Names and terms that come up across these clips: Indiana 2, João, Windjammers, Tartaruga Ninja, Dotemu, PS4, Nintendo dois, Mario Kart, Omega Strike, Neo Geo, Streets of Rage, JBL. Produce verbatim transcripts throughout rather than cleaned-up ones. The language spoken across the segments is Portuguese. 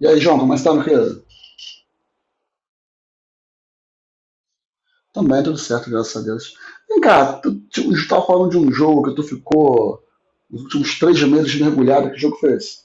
E aí, João, como é que tá, meu querido? Também tudo certo, graças a Deus. Vem cá, tu, tu, tu tava falando de um jogo que tu ficou nos últimos três meses mergulhado. Que jogo foi esse?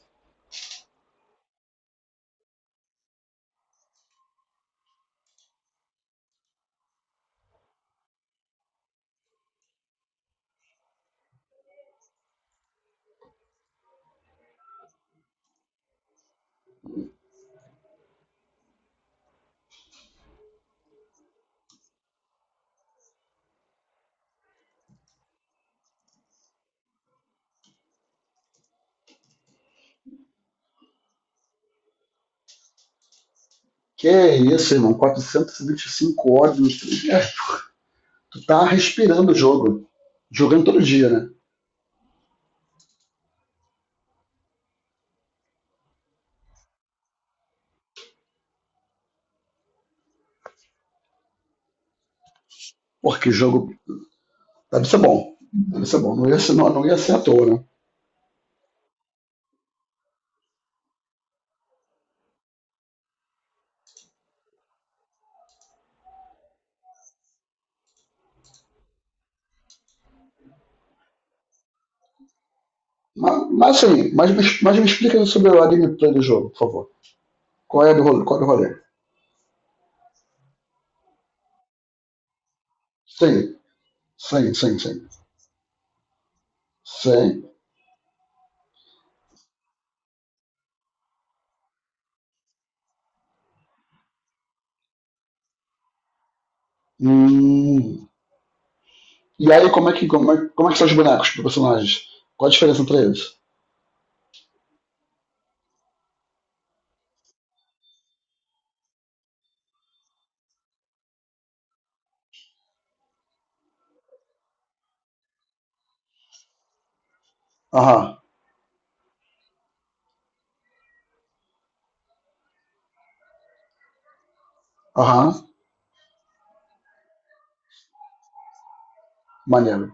Que é isso, irmão? quatrocentas e vinte e cinco horas nos três meses. Tu tá respirando o jogo. Jogando todo dia, né? Porque jogo deve ser bom. Deve ser bom. Não ia ser, não, não ia ser à toa, né? Mas, mas assim, mas, me- mas me explica sobre a gameplay do jogo, por favor. Qual é a do rolê? Qual é o rolê? Sim, sim, sim, sim. Sim. Hum. E aí, como é que, como é, como é que são os bonecos dos personagens? Qual a diferença entre eles? Aham, aham, maneiro.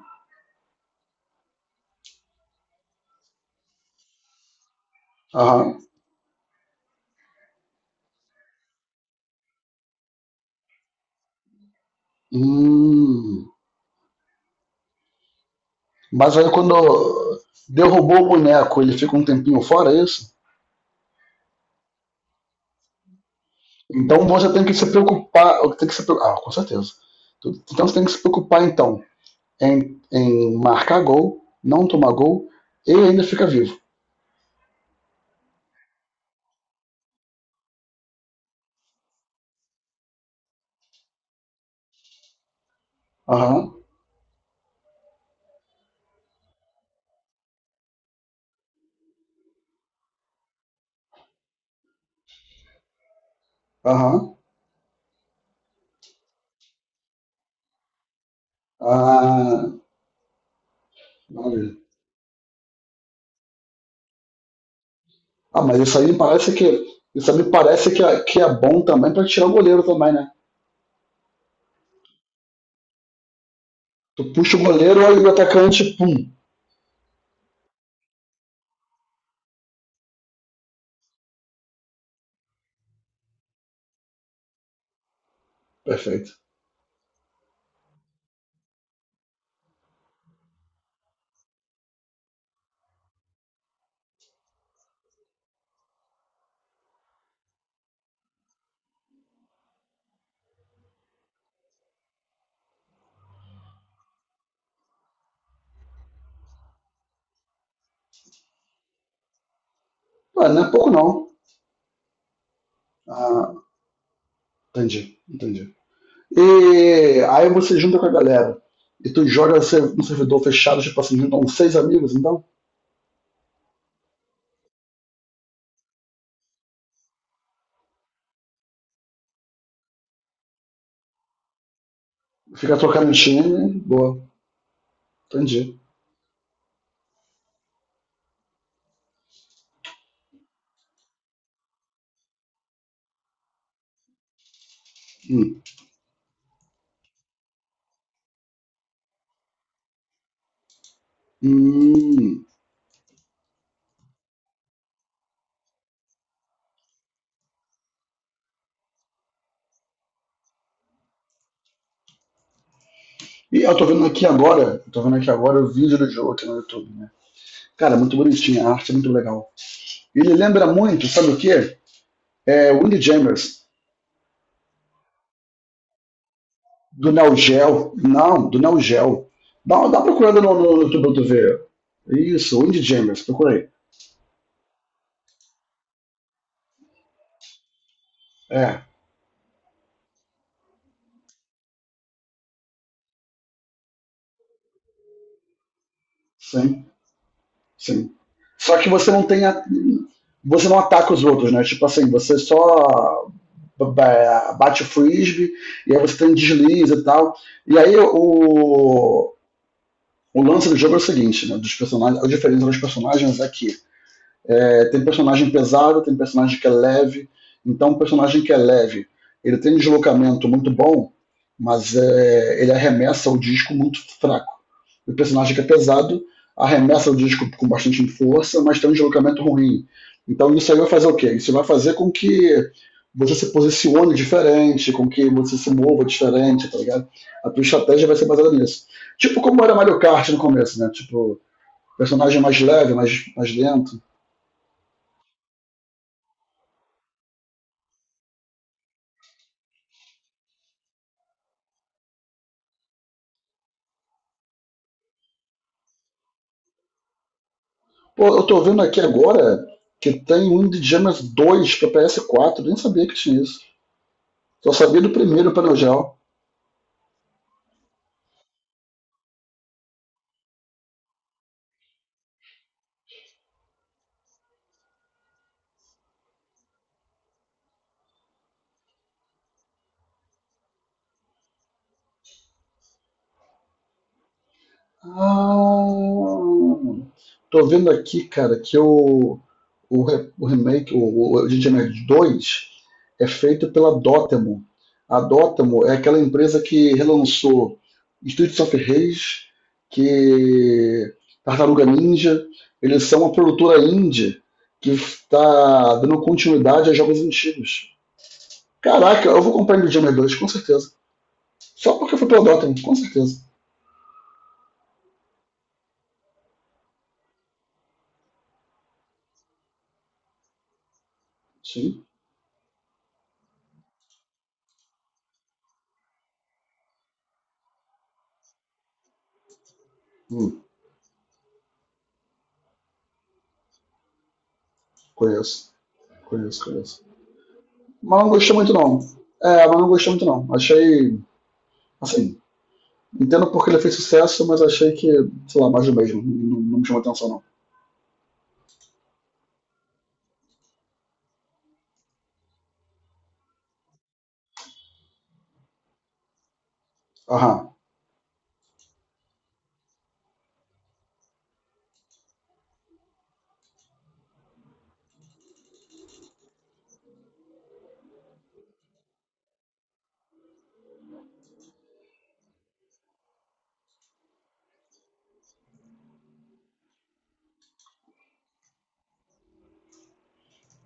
Aham. Hum. Mas aí quando derrubou o boneco, ele fica um tempinho fora, é isso? Então você tem que se preocupar. Tem que se, pre- ah, com certeza. Então você tem que se preocupar, então, em, em marcar gol, não tomar gol, e ainda fica vivo. Aham, aham. Ah, ah, mas isso aí me parece que. Isso aí me parece que é, que é bom também pra tirar o goleiro também, né? Tu puxa o goleiro, olha o atacante, pum. Perfeito. Ué, não é pouco não. Ah, entendi, entendi. E aí você junta com a galera. E tu joga no ser- no servidor fechado, tipo assim, junta uns seis amigos, então. Fica trocando time, boa. Entendi. Hum. Hum. E eu tô vendo aqui agora, eu tô vendo aqui agora o vídeo do jogo aqui no YouTube, né? Cara, é muito bonitinho, a arte é muito legal. Ele lembra muito, sabe o quê? é, Windjammers do Neo Geo. Não, do Neo Geo. Dá, dá procurando no, no YouTube pra tu ver. Isso, Windjammers, Jammers, procura aí. É, sim, sim. Só que você não tem. A, você não ataca os outros, né? Tipo assim, você só bate o frisbee e aí você tem um deslize e tal. E aí o, o lance do jogo é o seguinte, né? Dos personagens, a diferença dos personagens é que é, tem personagem pesado, tem personagem que é leve. Então, um personagem que é leve, ele tem um deslocamento muito bom, mas é, ele arremessa o disco muito fraco. O personagem que é pesado arremessa o disco com bastante força, mas tem um deslocamento ruim. Então, isso aí vai fazer o quê? Isso vai fazer com que você se posicione diferente, com que você se mova diferente, tá ligado? A tua estratégia vai ser baseada nisso. Tipo como era Mario Kart no começo, né? Tipo, personagem mais leve, mais, mais lento. Pô, eu tô vendo aqui agora que tem um Indiana dois pra P S quatro, nem sabia que tinha isso. Só sabia do primeiro para o, ah, tô vendo aqui, cara, que o, o, re- o remake, o, o G G Nerd dois é feito pela Dotemu. A Dotemu é aquela empresa que relançou Streets of Rage, que Tartaruga Ninja. Eles são uma produtora indie que está dando continuidade a jogos antigos. Caraca, eu vou comprar Nintendo dois com certeza. Só porque foi pela Dotemu, com certeza. Sim, hum, conheço, conheço, conheço. Mas não gostei muito, não. É, mas não gostei muito, não. Achei, assim, entendo porque ele fez sucesso, mas achei que, sei lá, mais do mesmo. Não, não me chamou atenção, não. Aham.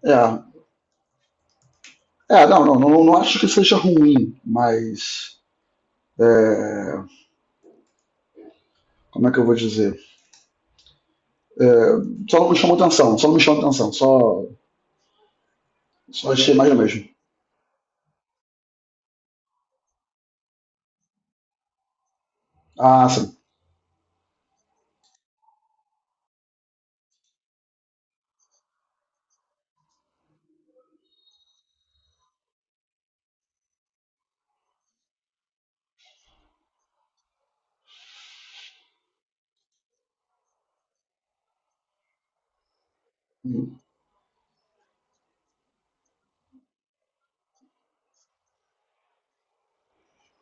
É. É, não, não, não, não acho que seja ruim, mas. é, Como é que eu vou dizer? É, só não me chamou atenção, só não me chamou atenção, só, só achei mais do mesmo. Ah, sim.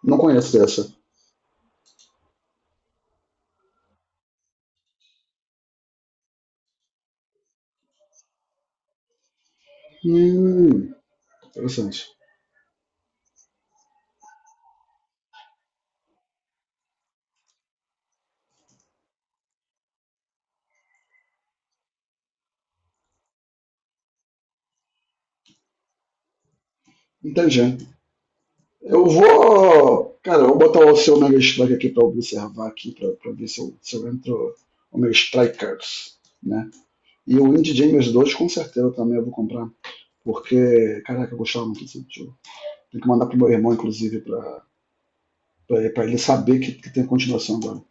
Não conheço dessa. Hum, interessante. Entendi. Eu vou. Cara, eu vou botar o seu Omega Strike aqui para observar aqui, para ver se eu, se eu entro Omega Strike Cards, né? E o Indie James dois com certeza também eu vou comprar, porque, caraca, eu gostava muito desse jogo. Tem que mandar pro meu irmão, inclusive, pra, pra, pra ele saber que, que tem continuação agora.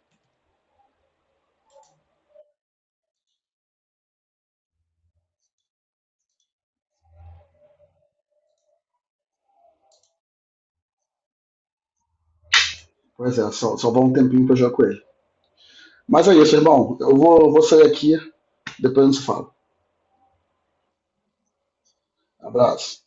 Pois é, só, só vai um tempinho pra eu jogar com ele. Mas é isso, irmão. Eu vou, vou sair aqui, depois a gente se fala. Abraço.